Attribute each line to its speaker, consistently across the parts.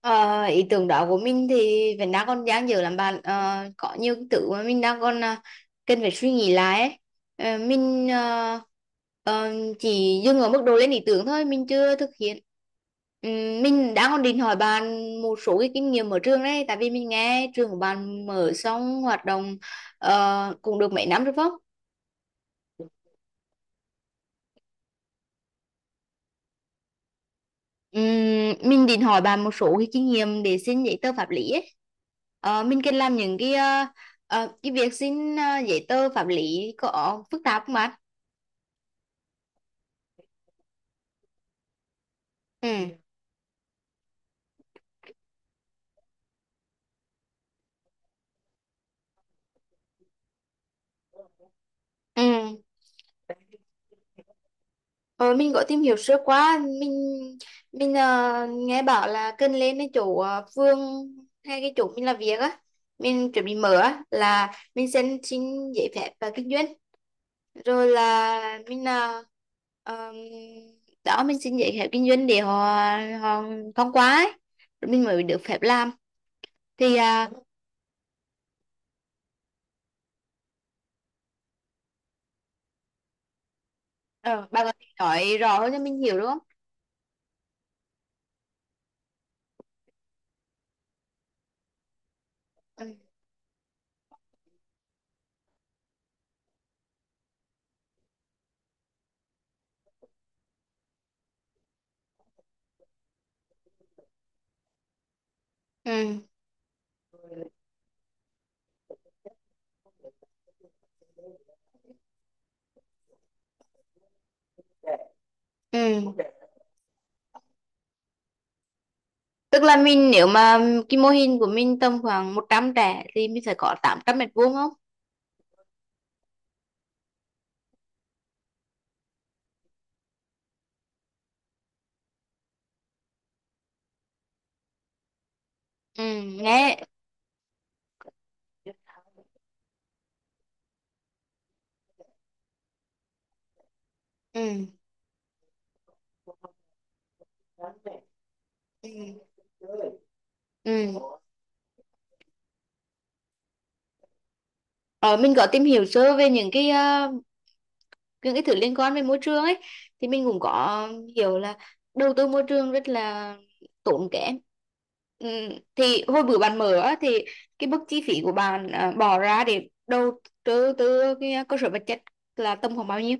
Speaker 1: Ờ, Ý tưởng đó của mình thì vẫn đang còn dang dở lắm bạn. Ờ, có nhiều cái thứ mà mình đang còn cần phải suy nghĩ lại ấy. Mình ờ, chỉ dừng ở mức độ lên ý tưởng thôi, mình chưa thực hiện. Mình đang còn định hỏi bạn một số cái kinh nghiệm ở trường đấy, tại vì mình nghe trường của bạn mở xong hoạt động cũng được mấy năm rồi, phải không? Ừm, mình định hỏi bạn một số cái kinh nghiệm để xin giấy tờ pháp lý ấy. Mình cần làm những cái cái việc xin giấy tờ pháp lý có phức tạp không bạn? Ừ. Ừ. Ờ, mình có tìm hiểu sơ qua, mình nghe bảo là cần lên cái chỗ phường hay cái chỗ mình làm việc á, mình chuẩn bị mở á là mình xin xin giấy phép và kinh doanh, rồi là mình là um, đó mình xin giấy phép kinh doanh để họ họ thông qua ấy. Rồi mình mới được phép làm thì bà có thể nói rõ hơn cho mình hiểu, đúng không? Ừ. Ừ. Ừ. Tức là mình nếu mà cái mô hình của mình tầm khoảng 100 trẻ thì mình phải có 800 mét vuông không? Ừ. Nghe. Ừ. Ừ. Ừ. Ờ, mình có tìm hiểu sơ về những cái những cái thứ liên quan về môi trường ấy, thì mình cũng có hiểu là đầu tư môi trường rất là tốn kém. ừ, thì hồi bữa bạn mở á, thì cái mức chi phí của bạn bỏ ra để đầu tư từ cái cơ sở vật chất là tầm khoảng bao nhiêu?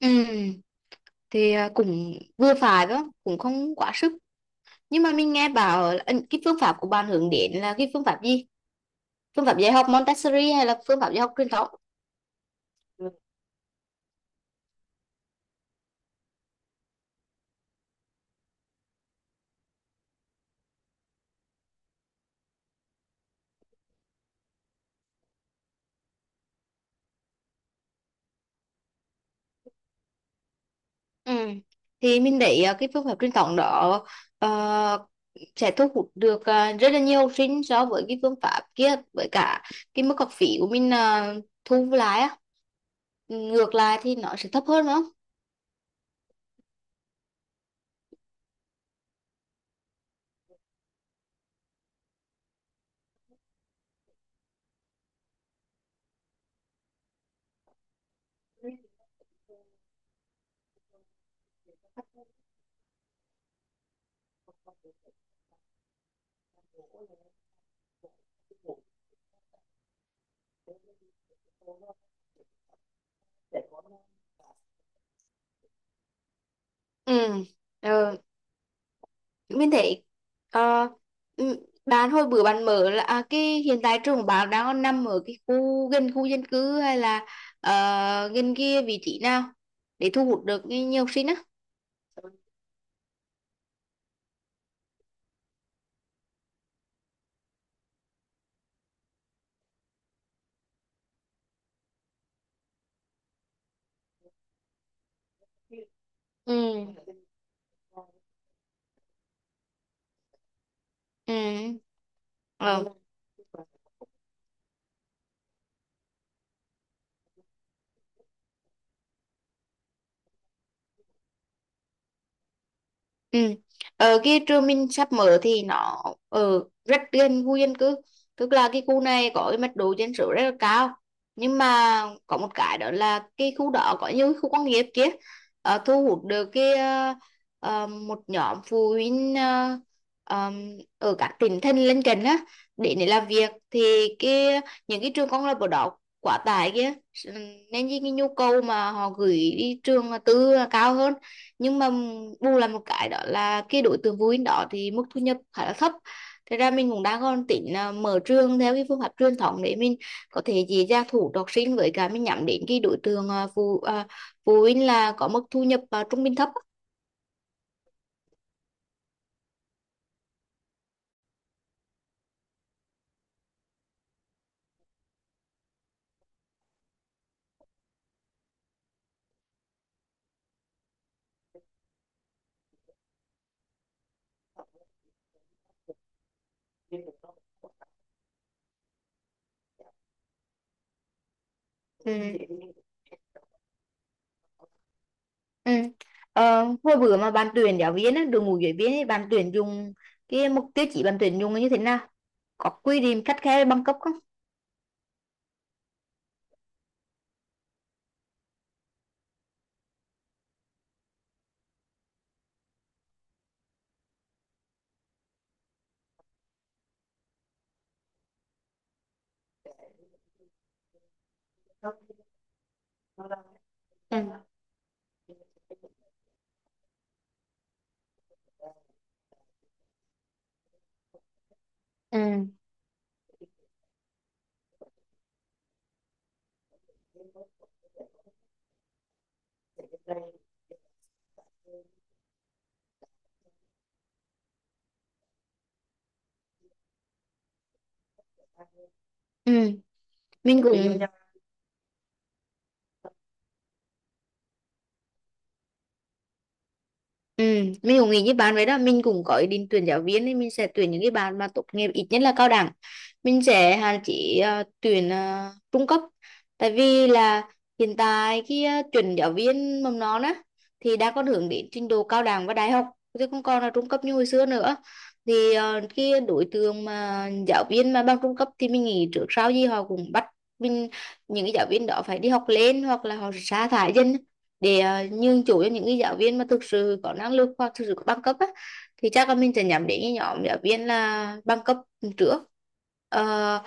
Speaker 1: ừ, thì cũng vừa phải đó, cũng không quá sức. Nhưng mà mình nghe bảo là, cái phương pháp của bạn hướng đến là cái phương pháp gì, phương pháp dạy học Montessori hay là phương pháp dạy học truyền thống? Ừ. Thì mình thấy cái phương pháp truyền thống đó ờ, sẽ thu hút được rất là nhiều học sinh so với cái phương pháp kia, với cả cái mức học phí của mình thu lại á, ngược lại thì nó sẽ thấp hơn, đúng không? Ừ. Ờ, mình thấy ờ, bạn hồi bữa bạn mở là cái hiện tại trường của bạn đang còn nằm ở cái khu gần khu dân cư hay là gần kia vị trí nào để thu hút được nhiều học sinh á? Ừ. Ừ. Ờ. Ừ. Ở cái trường mình sắp mở thì nó ở rất gần khu dân cư, tức là cái khu này có cái mật độ dân số rất là cao. Nhưng mà có một cái đó là cái khu đó có nhiều khu công nghiệp kia, thu hút được cái một nhóm phụ huynh ờm, ở các tỉnh thành lân cận á để làm việc. Thì cái những cái trường công lập ở đó quá tải kia, nên cái nhu cầu mà họ gửi đi trường tư là cao hơn. Nhưng mà bù là một cái đó là cái đối tượng phụ huynh đó thì mức thu nhập khá là thấp. Thế ra mình cũng đang còn tính là mở trường theo cái phương pháp truyền thống để mình có thể dễ dàng thu hút học sinh, với cả mình nhắm đến cái đối tượng phụ phụ huynh là có mức thu nhập trung bình thấp á. Ừ. Ừ. Hồi bữa mà bạn tuyển giáo viên á, đội ngũ giáo viên ấy, bạn tuyển dùng cái mục tiêu chỉ, bạn tuyển dùng là như thế nào, có quy định khắt khe về bằng cấp không? Ừ. Ừ. Ừ. Mình cũng Ừ, mình cũng nghĩ như bạn vậy đó. Mình cũng có ý định tuyển giáo viên thì mình sẽ tuyển những cái bạn mà tốt nghiệp ít nhất là cao đẳng, mình sẽ hạn chế tuyển trung cấp. Tại vì là hiện tại cái tuyển giáo viên mầm non á thì đã có hướng đến trình độ cao đẳng và đại học, chứ không còn là trung cấp như hồi xưa nữa. Thì cái đối tượng mà giáo viên mà bằng trung cấp thì mình nghĩ trước sau gì họ cũng bắt mình, những cái giáo viên đó phải đi học lên hoặc là họ sa thải dần để nhường chỗ cho những cái giáo viên mà thực sự có năng lực hoặc thực sự có bằng cấp á, thì chắc là mình sẽ nhắm đến cái nhóm giáo viên là bằng cấp trước. Ờ,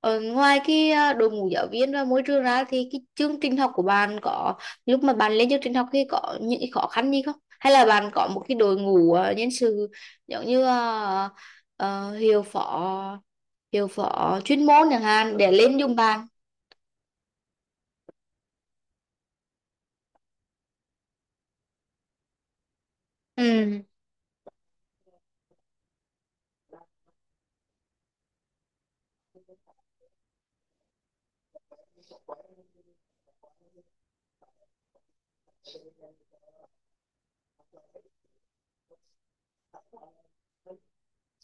Speaker 1: Ngoài cái đội ngũ giáo viên và môi trường ra thì cái chương trình học của bạn có, lúc mà bạn lên chương trình học thì có những cái khó khăn gì không, hay là bạn có một cái đội ngũ nhân sự giống như hiệu phó, hiệu phó chuyên môn chẳng hạn để lên dùng bạn? Ừ.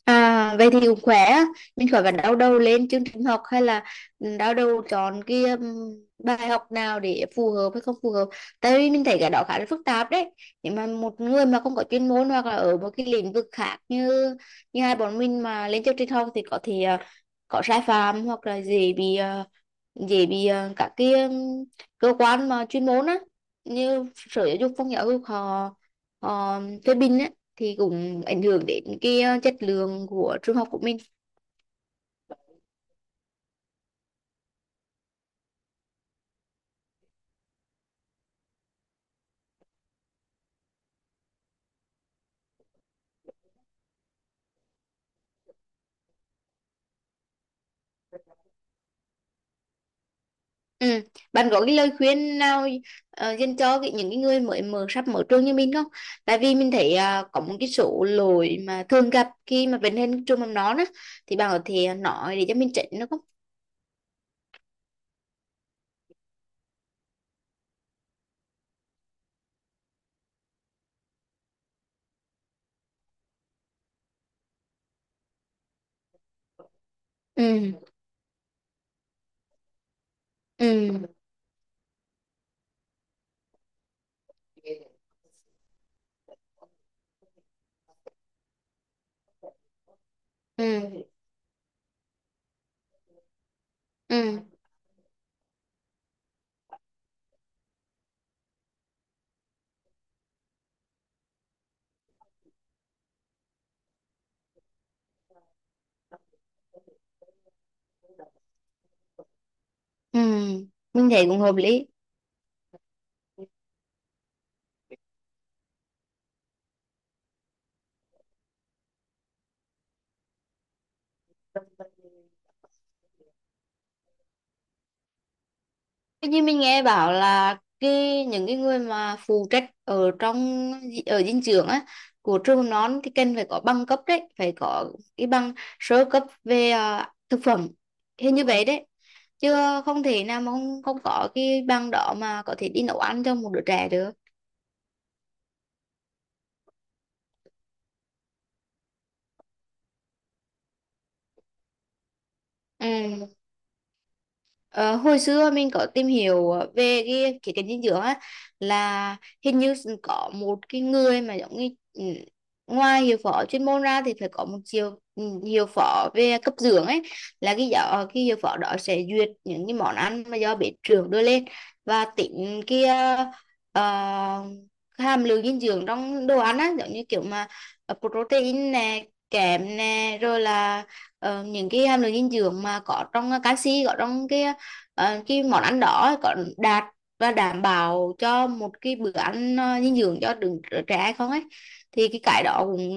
Speaker 1: À, vậy thì cũng khỏe á. Mình khỏi phải đau đầu lên chương trình học hay là đau đầu chọn cái bài học nào để phù hợp hay không phù hợp, tại vì mình thấy cái đó khá là phức tạp đấy. Nhưng mà một người mà không có chuyên môn hoặc là ở một cái lĩnh vực khác như như hai bọn mình mà lên chương trình học thì có thể có sai phạm hoặc là dễ bị dễ bị các cái cơ quan mà chuyên môn á như sở giáo dục, phong giáo dục, họ họ phê bình á thì cũng ảnh hưởng đến cái chất lượng của trường học của mình. Ừ. Bạn có cái lời khuyên nào dành cho cái, những cái người mới mở, sắp mở trường như mình không, tại vì mình thấy có một cái số lỗi mà thường gặp khi mà vấn lên trường mầm non á, thì bạn có thể nói để cho mình chỉnh được không? Ừ. Ừ. Ừ. Ừ. Ừ. Mình thấy cũng hợp lý. Tuy nhiên mình nghe bảo là cái, những cái người mà phụ trách ở trong, ở dinh dưỡng á của trường mầm non thì cần phải có bằng cấp đấy, phải có cái bằng sơ cấp về thực phẩm, hình như vậy đấy. Chứ không thể nào mà không không có cái bằng đó mà có thể đi nấu ăn cho một đứa trẻ được. Ừ. Ờ, hồi xưa mình có tìm hiểu về cái khía cạnh dinh dưỡng á, là hình như có một cái người mà giống như ngoài hiệu phó chuyên môn ra thì phải có một chiều hiệu phó về cấp dưỡng ấy, là cái giáo cái hiệu phó đó sẽ duyệt những cái món ăn mà do bếp trưởng đưa lên và tính cái ờ, hàm lượng dinh dưỡng trong đồ ăn á, giống như kiểu mà protein nè, kẽm nè, rồi là những cái hàm lượng dinh dưỡng mà có trong canxi có trong cái cái món ăn đó có đạt và đảm bảo cho một cái bữa ăn dinh dưỡng cho đứa trẻ hay không ấy, thì cái đó cũng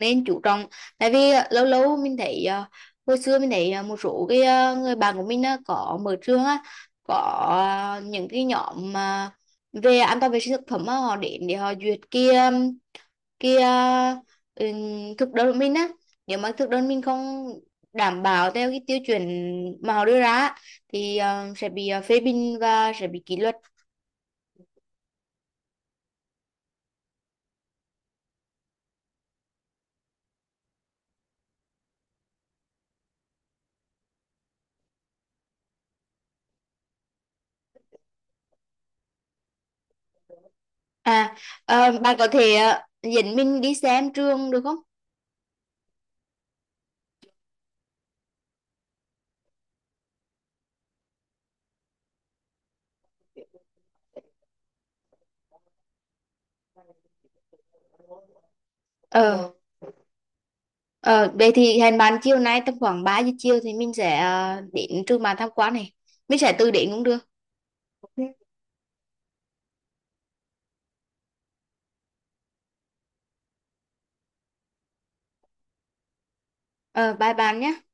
Speaker 1: nên chú trọng. Tại vì lâu lâu mình thấy hồi xưa mình thấy một số cái người bạn của mình á có mở trường á, có những cái nhóm mà về an toàn vệ sinh thực phẩm á, họ đến để họ duyệt kia kia ừ, thực đơn của mình á, nếu mà thực đơn mình không đảm bảo theo cái tiêu chuẩn mà họ đưa ra á, thì sẽ bị phê bình và sẽ bị kỷ luật. À, bạn có thể dẫn mình đi xem trường được không? ờ ờ Vậy thì hẹn bạn chiều nay tầm khoảng 3 giờ chiều thì mình sẽ đến trường bạn tham quan này, mình sẽ từ đến cũng được. Ờ Bye bạn nhé.